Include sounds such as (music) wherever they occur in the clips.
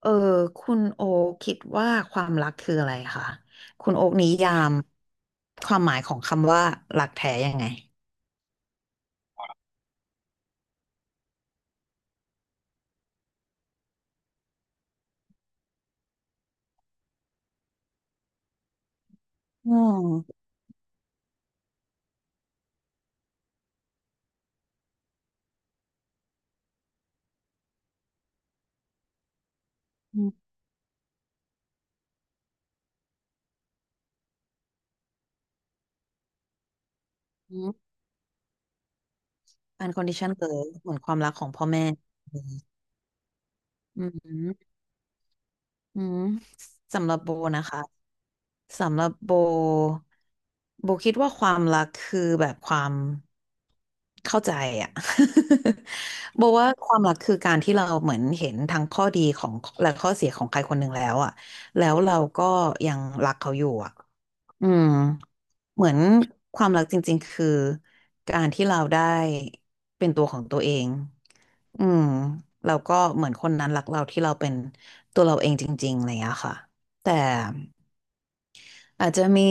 เออคุณโอคคิดว่าความรักคืออะไรคะคุณโอคนิยามความหมายของคำว่ารักแท้ยังไงอืมอืมอืม unconditional love เหมือนความรักของพ่อแม่อืมอืมอืมสำหรับโบนะคะ สำหรับโบโบคิดว่าความรักคือแบบความเข้าใจอะ (laughs) โบว่าความรักคือการที่เราเหมือนเห็นทั้งข้อดีของและข้อเสียของใครคนหนึ่งแล้วอะแล้วเราก็ยังรักเขาอยู่อะอืมเหมือนความรักจริงๆคือการที่เราได้เป็นตัวของตัวเองอืมเราก็เหมือนคนนั้นรักเราที่เราเป็นตัวเราเองจริงๆอะไรอย่างเงี้ยค่ะแต่อาจจะมี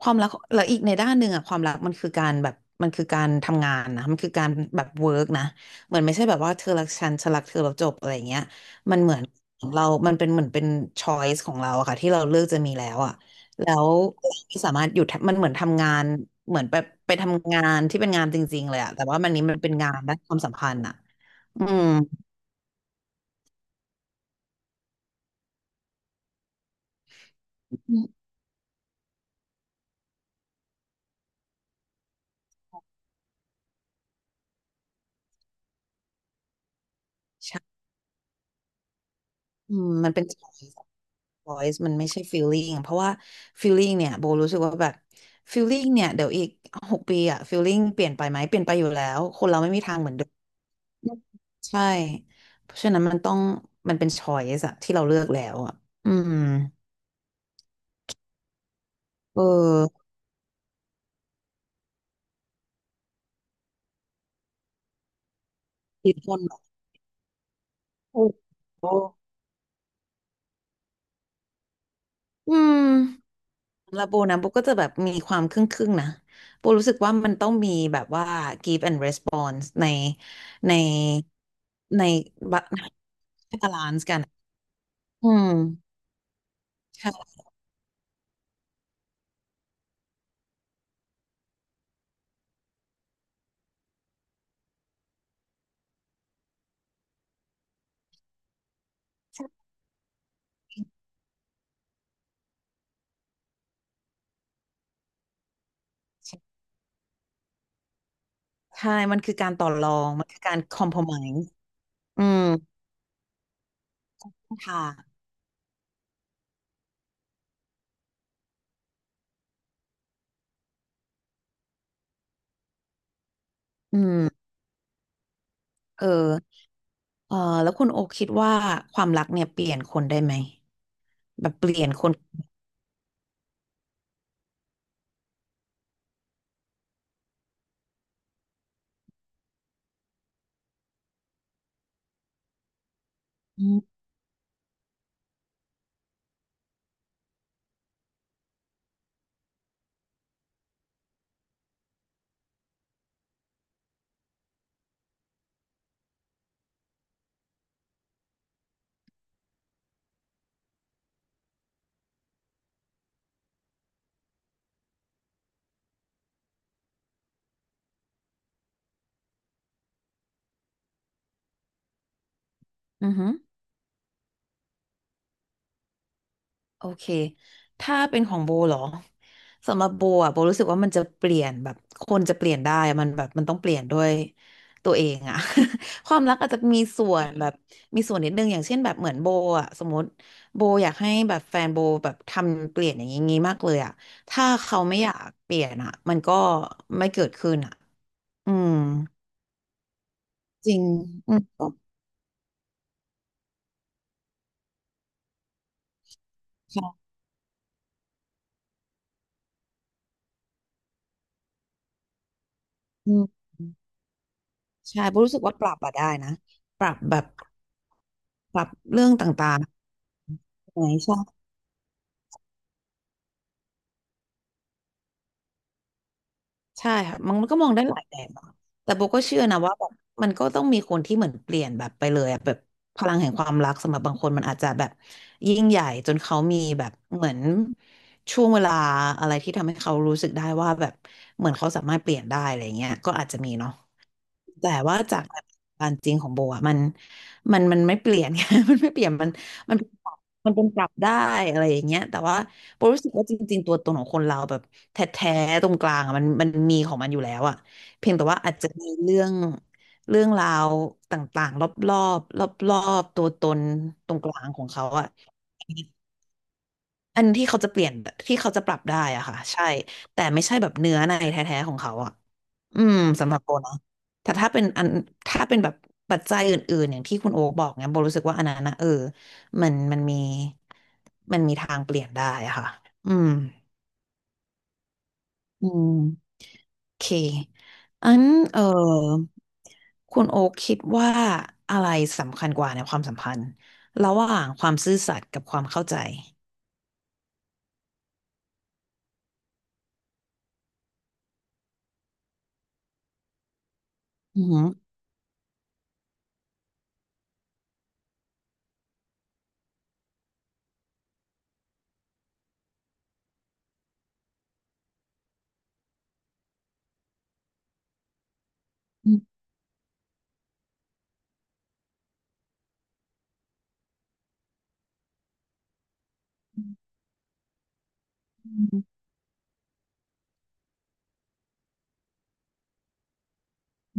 ความรักแล้วอีกในด้านหนึ่งอะความรักมันคือการแบบมันคือการทำงานนะมันคือการแบบเวิร์กนะเหมือนไม่ใช่แบบว่าเธอรักฉันฉันรักเธอแล้วจบอะไรอย่างเงี้ยมันเหมือนเรามันเป็นเหมือนเป็นช้อยสของเราอะค่ะที่เราเลือกจะมีแล้วอะแล้วเราสามารถหยุดมันเหมือนทำงานเหมือนไปทำงานที่เป็นงานจริงๆเลยอะแต่ว่ามันนี้มันเป็นงานด้านความสัมพันธ์อะอืมใช่ อืมมันเป็น choice voice มันไม่ใช่ feeling เพราะว่า feeling เนี่ยโบรู้สึกว่าแบบ feeling เนี่ยเดี๋ยวอีก6 ปีอะ feeling เปลี่ยนไปไหมเปลี่ยนไปอยู่แล้วคนเราไม่มีทางเหมือนเดิมใช่เพราะฉะนั้นมันต้องมันเป็น choice อะที่เราเลือกแล้วอะอืมเอออีกคนแบบโอ้โหอืมแล้วโบนะโบก็จะแบบมีความครึ่งครึ่งนะโบรู้สึกว่ามันต้องมีแบบว่า give and response ในใน ให้บาลานซ์กันอืมใช่ใช่ มันคือการต่อรอง มันคือการคอม p r o m ม s e อืมค่ะอืมเออเออแล้วคุณโอคิดว่าความรักเนี่ยเปลี่ยนคนได้ไหม แบบเปลี่ยนคนอืมอือฮึ โอเค ถ้าเป็นของโบเหรอสำหรับโบอ่ะโบรู้สึกว่ามันจะเปลี่ยนแบบคนจะเปลี่ยนได้อะมันแบบมันต้องเปลี่ยนด้วยตัวเองอะ (laughs) ความรักอาจจะมีส่วนแบบมีส่วนนิดนึงอย่างเช่นแบบเหมือนโบอะสมมติโบอยากให้แบบแฟนโบแบบทำเปลี่ยนอย่างงี้มากเลยอะถ้าเขาไม่อยากเปลี่ยนอะมันก็ไม่เกิดขึ้นอะอืมจริงอืมใช่อืมใช่โบรู้สึกว่าปรับอะได้นะปรับแบบปรับเรื่องต่าง ไหมใช่ใช่ค่ะมันก็มองได้หลายแบบอะแต่โบก็เชื่อนะว่าแบบมันก็ต้องมีคนที่เหมือนเปลี่ยนแบบไปเลยอะแบบพลังแห่งความรักสำหรับบางคนมันอาจจะแบบยิ่งใหญ่จนเขามีแบบเหมือนช่วงเวลาอะไรที่ทำให้เขารู้สึกได้ว่าแบบเหมือนเขาสามารถเปลี่ยนได้อะไรเงี้ยก็อาจจะมีเนาะ แต่ว่าจากการจริงของโบอ่ะมันไม่เปลี่ยน (laughs) มันไม่เปลี่ยนมันมันเป็นปรับมันเป็นปรับได้อะไรอย่างเงี้ยแต่ว่าโบรู้สึกว่าจริงๆตัวตนของคนเราแบบแท้ๆตรงกลางอ่ะมันมีของมันอยู่แล้วอ่ะเพียงแต่ว่าอาจจะมีเรื่องเรื่องราวต่างๆรอบๆรอบๆตัวตนตรงกลางของเขาอ่ะอันที่เขาจะเปลี่ยนที่เขาจะปรับได้อะค่ะใช่แต่ไม่ใช่แบบเนื้อในแท้ๆของเขาอะ อืมสำหรับโบนะแต่ถ้าเป็นอันถ้าเป็นแบบปัจจัยอื่นๆอย่างที่คุณโอ๊คบอกเนี่ยโบรู้สึกว่าอันนั้นนะเออมันมีมันมีทางเปลี่ยนได้อะค่ะอืมอืมโอเคอันเออคุณโอ๊คคิดว่าอะไรสำคัญกว่าในความสัมพันธ์ระหว่างความซื่อสัตย์กับความเข้าใจอือหืออืม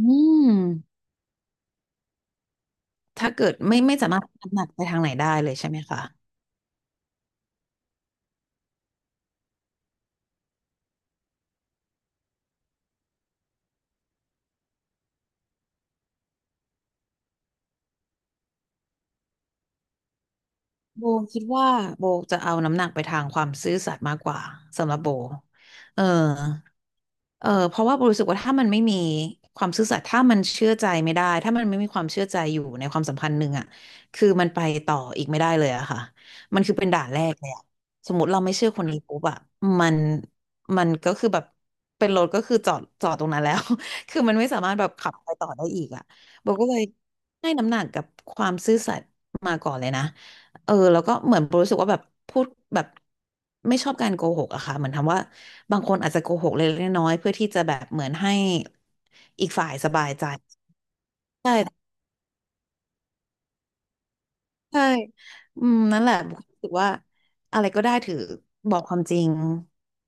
อืมถ้าเกิดไม่ไม่สามารถน้ำหนักไปทางไหนได้เลยใช่ไหมคะ โบคิดว่าโบจะเอาน้ำหนักไปทางความซื่อสัตย์มากกว่าสำหรับโบเออเออเพราะว่าโบรู้สึกว่าถ้ามันไม่มีความซื่อสัตย์ถ้ามันเชื่อใจไม่ได้ถ้ามันไม่มีความเชื่อใจอยู่ในความสัมพันธ์หนึ่งอะคือมันไปต่ออีกไม่ได้เลยอะค่ะมันคือเป็นด่านแรกเลยอะสมมติเราไม่เชื่อคนนี้ปุ๊บอะมันมันก็คือแบบเป็นรถก็คือจอดตรงนั้นแล้ว (laughs) คือมันไม่สามารถแบบขับไปต่อได้อีกอะโบก็เลยให้น้ำหนักกับความซื่อสัตย์มาก่อนเลยนะ แล้วก็เหมือนรู้สึกว่าแบบพูดแบบไม่ชอบการโกหกอะค่ะเหมือนทำว่าบางคนอาจจะโกหกเล็กๆน้อยๆเพื่อที่จะแบบเหมือนให้อีกฝ่ายสบายใจใช่ใช่อืมนั่นแหละบุครู้สึกว่าอะไรก็ได้ถือบอกความจริง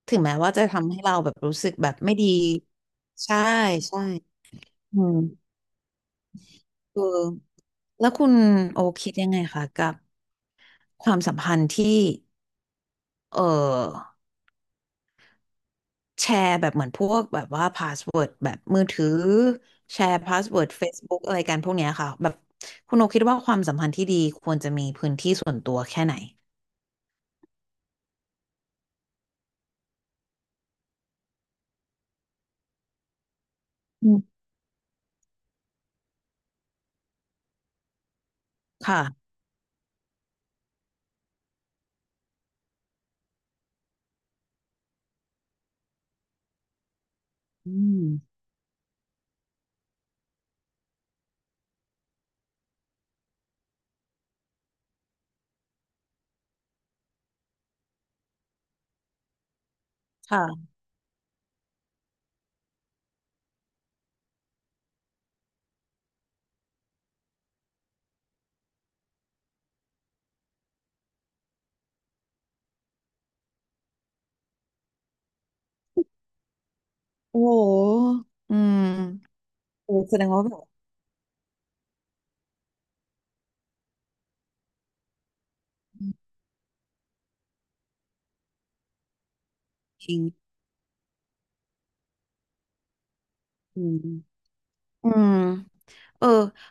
ถึงแม้ว่าจะทำให้เราแบบรู้สึกแบบไม่ดีใช่ใช่อืมเออแล้วคุณโอคิดยังไงคะกับความสัมพันธ์ที่เออ แชร์แบบเหมือนพวกแบบว่าพาสเวิร์ดแบบมือถือแชร์พาสเวิร์ด Facebook อะไรกันพวกเนี้ยค่ะแบบคุณโอคิดว่าความสัมพันธ์ที่ดีควรจะมีพื้นที่ส่วนตัวแค่ไหนอืมค่ะอืมค่ะโอ้โหอืมโอ้แสดงว่าแบบจริงอืมอืม เออ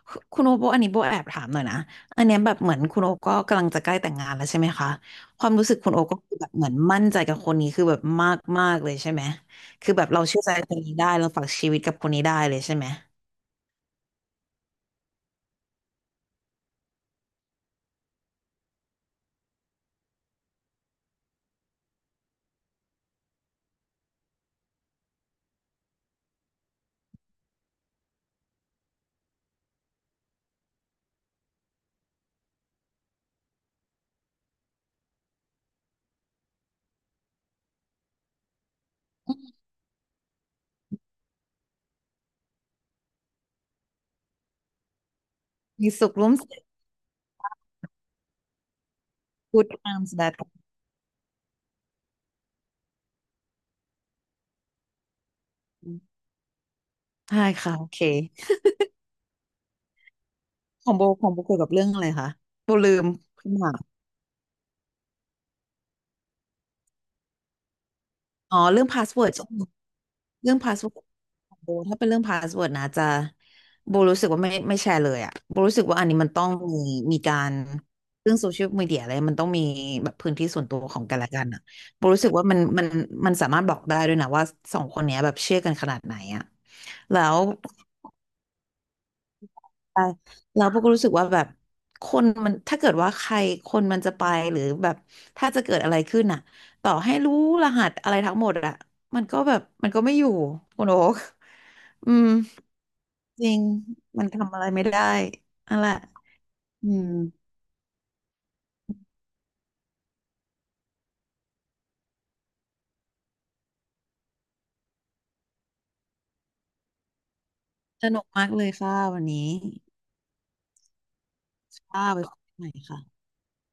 คุณโอโบอันนี้โบแอบถามหน่อยนะอันเนี้ยแบบเหมือนคุณโอก็กำลังจะใกล้แต่งงานแล้วใช่ไหมคะความรู้สึกคุณโอก็คือแบบเหมือนมั่นใจกับคนนี้คือแบบมากมากเลยใช่ไหมคือแบบเราเชื่อใจคนนี้ได้เราฝากชีวิตกับคนนี้ได้เลยใช่ไหมมีสุขร่วมสุข good times b a t ใช่ค่ะโอเคของโบของโบเกี่ยวกับเรื่องอะไรคะโบลืมขึ้นมาอ๋อเรื่องพาสเวิร์ด เรื่องพาสเวิร์ดโบถ้าเป็นเรื่องพาสเวิร์ดนะจะโบรู้สึกว่าไม่แชร์เลยอะโบรู้สึกว่าอันนี้มันต้องมีมีการเรื่องโซเชียลมีเดียอะไรมันต้องมีแบบพื้นที่ส่วนตัวของกันและกันอะโบรู้สึกว่ามันมันสามารถบอกได้ด้วยนะว่าสองคนเนี้ยแบบเชื่อกันขนาดไหนอะแล้ว ใช่แล้วพวกก็รู้สึกว่าแบบคนมันถ้าเกิดว่าใครคนมันจะไปหรือแบบถ้าจะเกิดอะไรขึ้นอ่ะต่อให้รู้รหัสอะไรทั้งหมดอ่ะมันก็ไม่อยู่คุณโอ๊ค (laughs) อืมจริงมันทำอะไรไม่ได้นั่นแหละอืมสนุกมากเลยค่ะวันนี้ค่ะไว้คุยกันใหม่ค่ะ